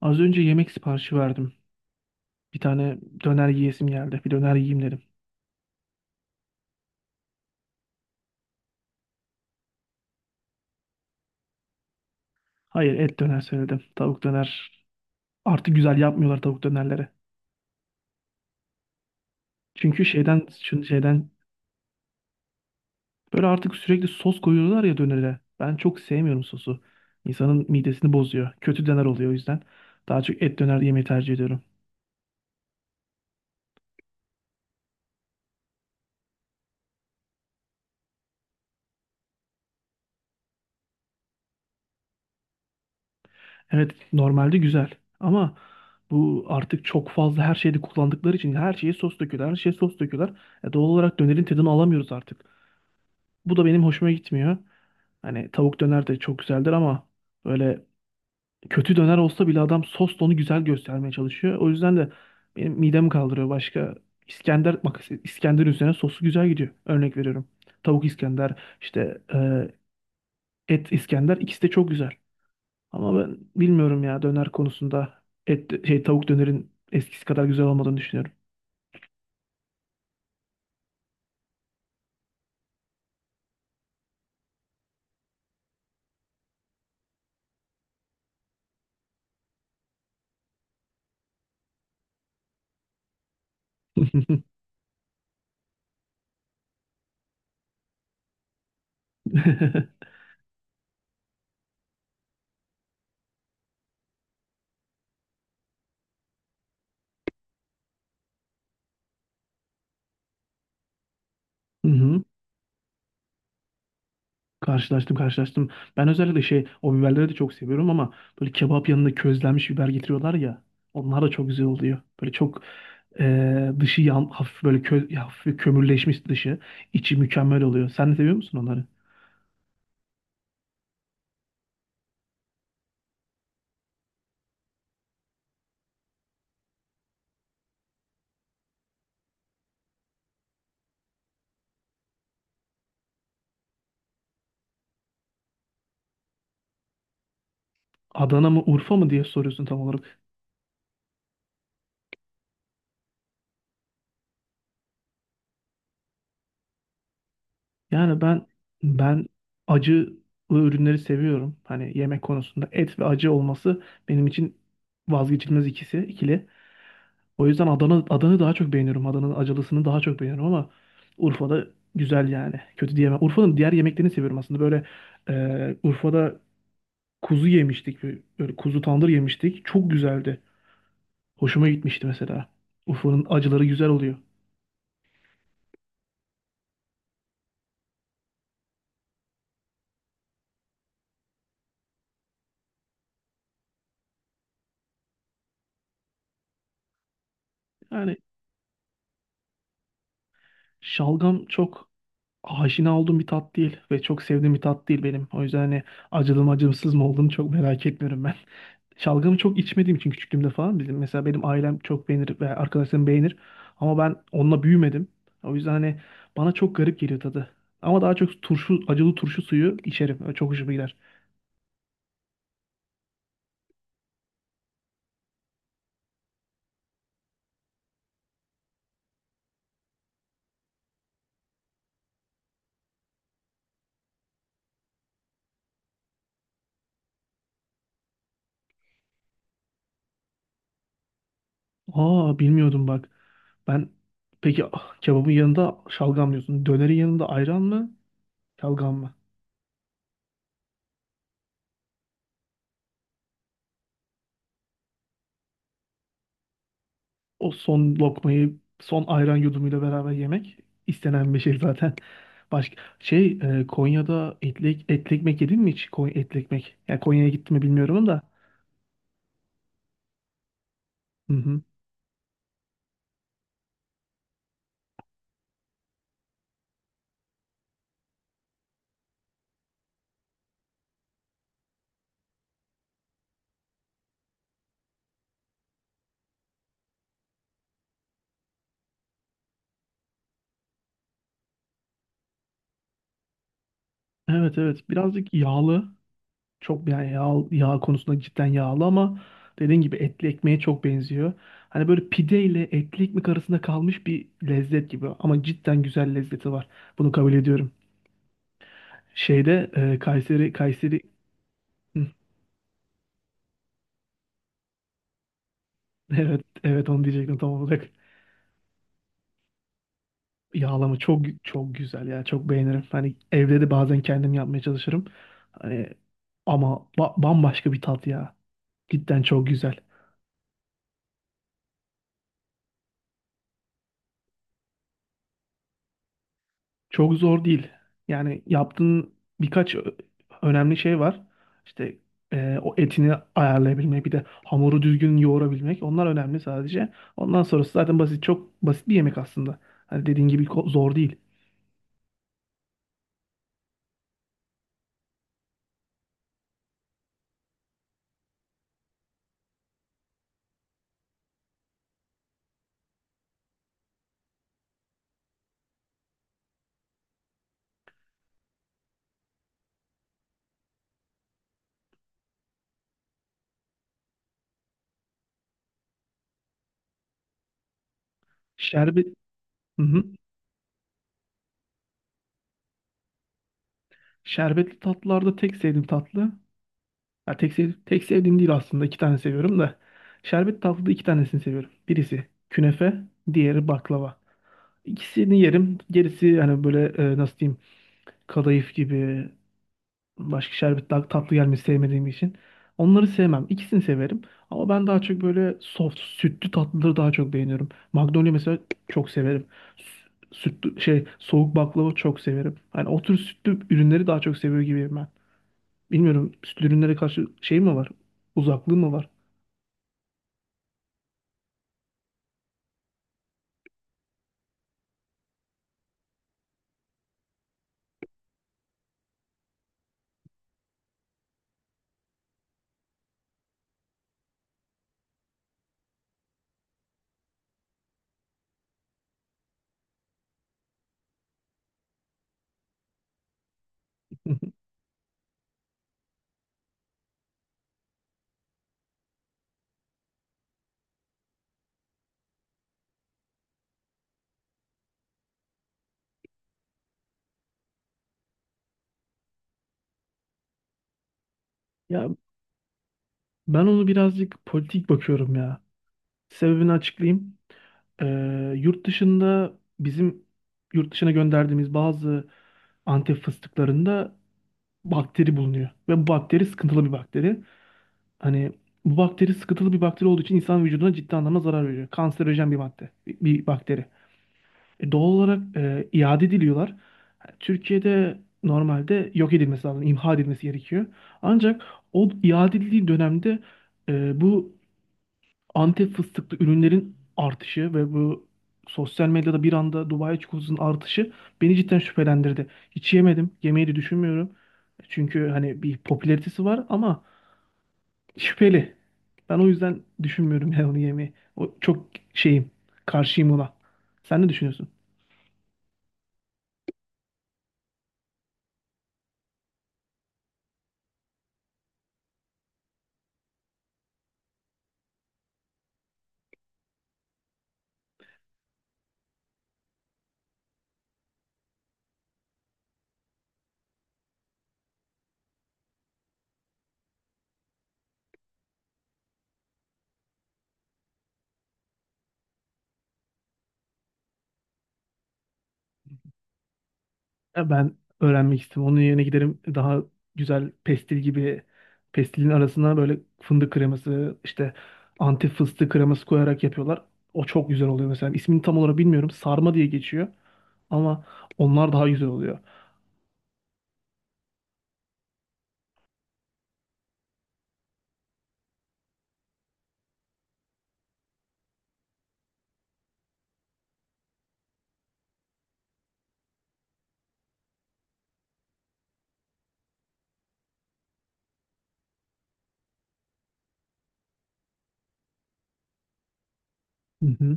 Az önce yemek siparişi verdim. Bir tane döner yiyesim geldi. Bir döner yiyeyim dedim. Hayır, et döner söyledim. Tavuk döner. Artık güzel yapmıyorlar tavuk dönerleri. Çünkü şeyden böyle artık sürekli sos koyuyorlar ya dönere. Ben çok sevmiyorum sosu. İnsanın midesini bozuyor. Kötü döner oluyor o yüzden. Daha çok et döner yemeyi tercih ediyorum. Evet, normalde güzel ama bu artık çok fazla her şeyde kullandıkları için her şeye sos döküyorlar. Her şeye sos döküyorlar. Doğal olarak dönerin tadını alamıyoruz artık. Bu da benim hoşuma gitmiyor. Hani tavuk döner de çok güzeldir ama böyle kötü döner olsa bile adam sosla onu güzel göstermeye çalışıyor. O yüzden de benim midemi kaldırıyor. Başka İskender, bak, İskender üzerine sosu güzel gidiyor. Örnek veriyorum. Tavuk İskender, işte et İskender ikisi de çok güzel. Ama ben bilmiyorum ya, döner konusunda et şey tavuk dönerin eskisi kadar güzel olmadığını düşünüyorum. Hı hı. Karşılaştım, karşılaştım. Ben özellikle şey o biberleri de çok seviyorum ama böyle kebap yanında közlenmiş biber getiriyorlar ya. Onlar da çok güzel oluyor. Böyle çok dışı yan, hafif böyle kö, ya hafif bir kömürleşmiş dışı. İçi mükemmel oluyor. Sen de seviyor musun onları? Adana mı, Urfa mı diye soruyorsun tam olarak. Yani ben acı ürünleri seviyorum. Hani yemek konusunda et ve acı olması benim için vazgeçilmez ikisi, ikili. O yüzden Adana'yı daha çok beğeniyorum. Adana'nın acılısını daha çok beğeniyorum ama Urfa'da güzel yani. Kötü diyemem. Urfa'nın diğer yemeklerini seviyorum aslında. Urfa'da kuzu yemiştik. Böyle kuzu tandır yemiştik. Çok güzeldi. Hoşuma gitmişti mesela. Urfa'nın acıları güzel oluyor. Yani şalgam çok aşina olduğum bir tat değil ve çok sevdiğim bir tat değil benim. O yüzden hani acılı mı, acımsız mı olduğunu çok merak etmiyorum ben. Şalgamı çok içmediğim için küçüklüğümde falan bizim mesela benim ailem çok beğenir ve arkadaşlarım beğenir ama ben onunla büyümedim. O yüzden hani bana çok garip geliyor tadı. Ama daha çok turşu, acılı turşu suyu içerim. Çok hoşuma gider. Aa, bilmiyordum bak. Ben, peki ah, kebabın yanında şalgam diyorsun. Dönerin yanında ayran mı? Şalgam mı? O son lokmayı son ayran yudumuyla beraber yemek istenen bir şey zaten. Konya'da etli ekmek yedin mi hiç? Konya, etli ekmek. Yani Konya'ya gittim mi bilmiyorum da. Hı hı. Evet, evet, birazcık yağlı. Çok yani yağ konusunda cidden yağlı ama dediğin gibi etli ekmeğe çok benziyor. Hani böyle pide ile etli ekmek arasında kalmış bir lezzet gibi ama cidden güzel lezzeti var. Bunu kabul ediyorum. Kayseri, Kayseri. Hı, evet, evet, onu diyecektim tam olarak. Yağlama çok çok güzel ya. Çok beğenirim. Hani evde de bazen kendim yapmaya çalışırım. Hani ama bambaşka bir tat ya. Cidden çok güzel. Çok zor değil. Yani yaptığın birkaç önemli şey var. İşte, o etini ayarlayabilmek, bir de hamuru düzgün yoğurabilmek. Onlar önemli sadece. Ondan sonrası zaten basit, çok basit bir yemek aslında. Hani dediğin gibi zor değil. Şerbet, hı hı. Şerbetli tatlılarda tek sevdiğim tatlı. Ya tek sevdiğim değil aslında, iki tane seviyorum da. Şerbetli tatlıda iki tanesini seviyorum. Birisi künefe, diğeri baklava. İkisini yerim. Gerisi hani böyle nasıl diyeyim, kadayıf gibi. Başka şerbet daha tatlı gelmesi sevmediğim için. Onları sevmem. İkisini severim. Ama ben daha çok böyle soft, sütlü tatlıları daha çok beğeniyorum. Magnolia mesela çok severim. Sü- Sütlü, şey, soğuk baklava çok severim. Yani o tür sütlü ürünleri daha çok seviyor gibiyim ben. Bilmiyorum, sütlü ürünlere karşı şey mi var? Uzaklığı mı var? Ya ben onu birazcık politik bakıyorum ya. Sebebini açıklayayım. Yurt dışında bizim yurt dışına gönderdiğimiz bazı Antep fıstıklarında bakteri bulunuyor. Ve bu bakteri sıkıntılı bir bakteri. Hani bu bakteri sıkıntılı bir bakteri olduğu için insan vücuduna ciddi anlamda zarar veriyor. Kanserojen bir madde, bir bakteri. Doğal olarak iade ediliyorlar. Ha, Türkiye'de normalde yok edilmesi lazım, imha edilmesi gerekiyor. Ancak o iade edildiği dönemde bu Antep fıstıklı ürünlerin artışı ve bu sosyal medyada bir anda Dubai çikolatasının artışı beni cidden şüphelendirdi. Hiç yemedim. Yemeyi de düşünmüyorum. Çünkü hani bir popülaritesi var ama şüpheli. Ben o yüzden düşünmüyorum yani onu yemeyi. O çok şeyim. Karşıyım ona. Sen ne düşünüyorsun? Ya ben öğrenmek istedim. Onun yerine giderim daha güzel pestil gibi, pestilin arasına böyle fındık kreması, işte antif fıstık kreması koyarak yapıyorlar. O çok güzel oluyor mesela. İsmini tam olarak bilmiyorum. Sarma diye geçiyor ama onlar daha güzel oluyor. Mhm.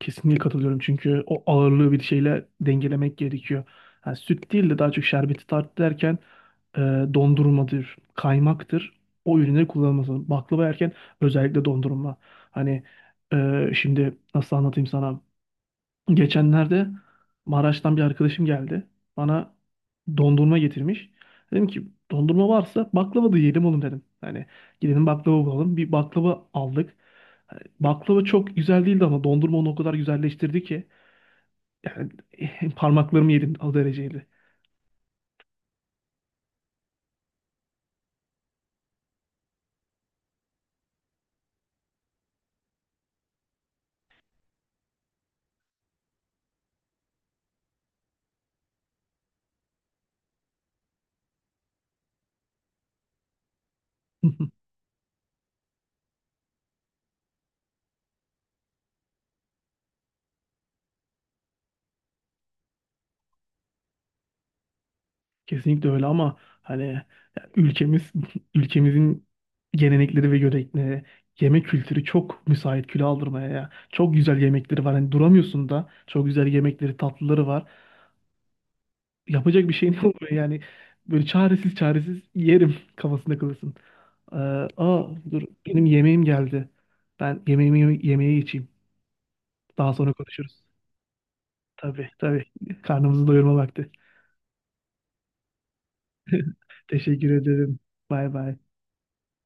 Kesinlikle katılıyorum, çünkü o ağırlığı bir şeyle dengelemek gerekiyor. Yani süt değil de daha çok şerbeti tart derken e, dondurmadır, kaymaktır. O ürünleri kullanılması lazım. Baklava yerken özellikle dondurma. Hani, şimdi nasıl anlatayım sana? Geçenlerde Maraş'tan bir arkadaşım geldi. Bana dondurma getirmiş. Dedim ki dondurma varsa baklava da yiyelim oğlum dedim. Hani gidelim baklava bulalım. Bir baklava aldık. Baklava çok güzel değildi ama dondurma onu o kadar güzelleştirdi ki. Yani parmaklarımı yedim, o dereceydi. Kesinlikle öyle ama hani ya ülkemiz ülkemizin gelenekleri ve görenekleri, yemek kültürü çok müsait kilo aldırmaya ya. Çok güzel yemekleri var. Hani duramıyorsun da, çok güzel yemekleri, tatlıları var. Yapacak bir şeyin olmuyor yani. Böyle çaresiz çaresiz yerim kafasında kalırsın. Ee, Aa, dur, benim yemeğim geldi. Ben yemeğimi yemeğe geçeyim. Daha sonra konuşuruz. Tabii, tabii. Karnımızı doyurma vakti. Teşekkür ederim. Bay bay.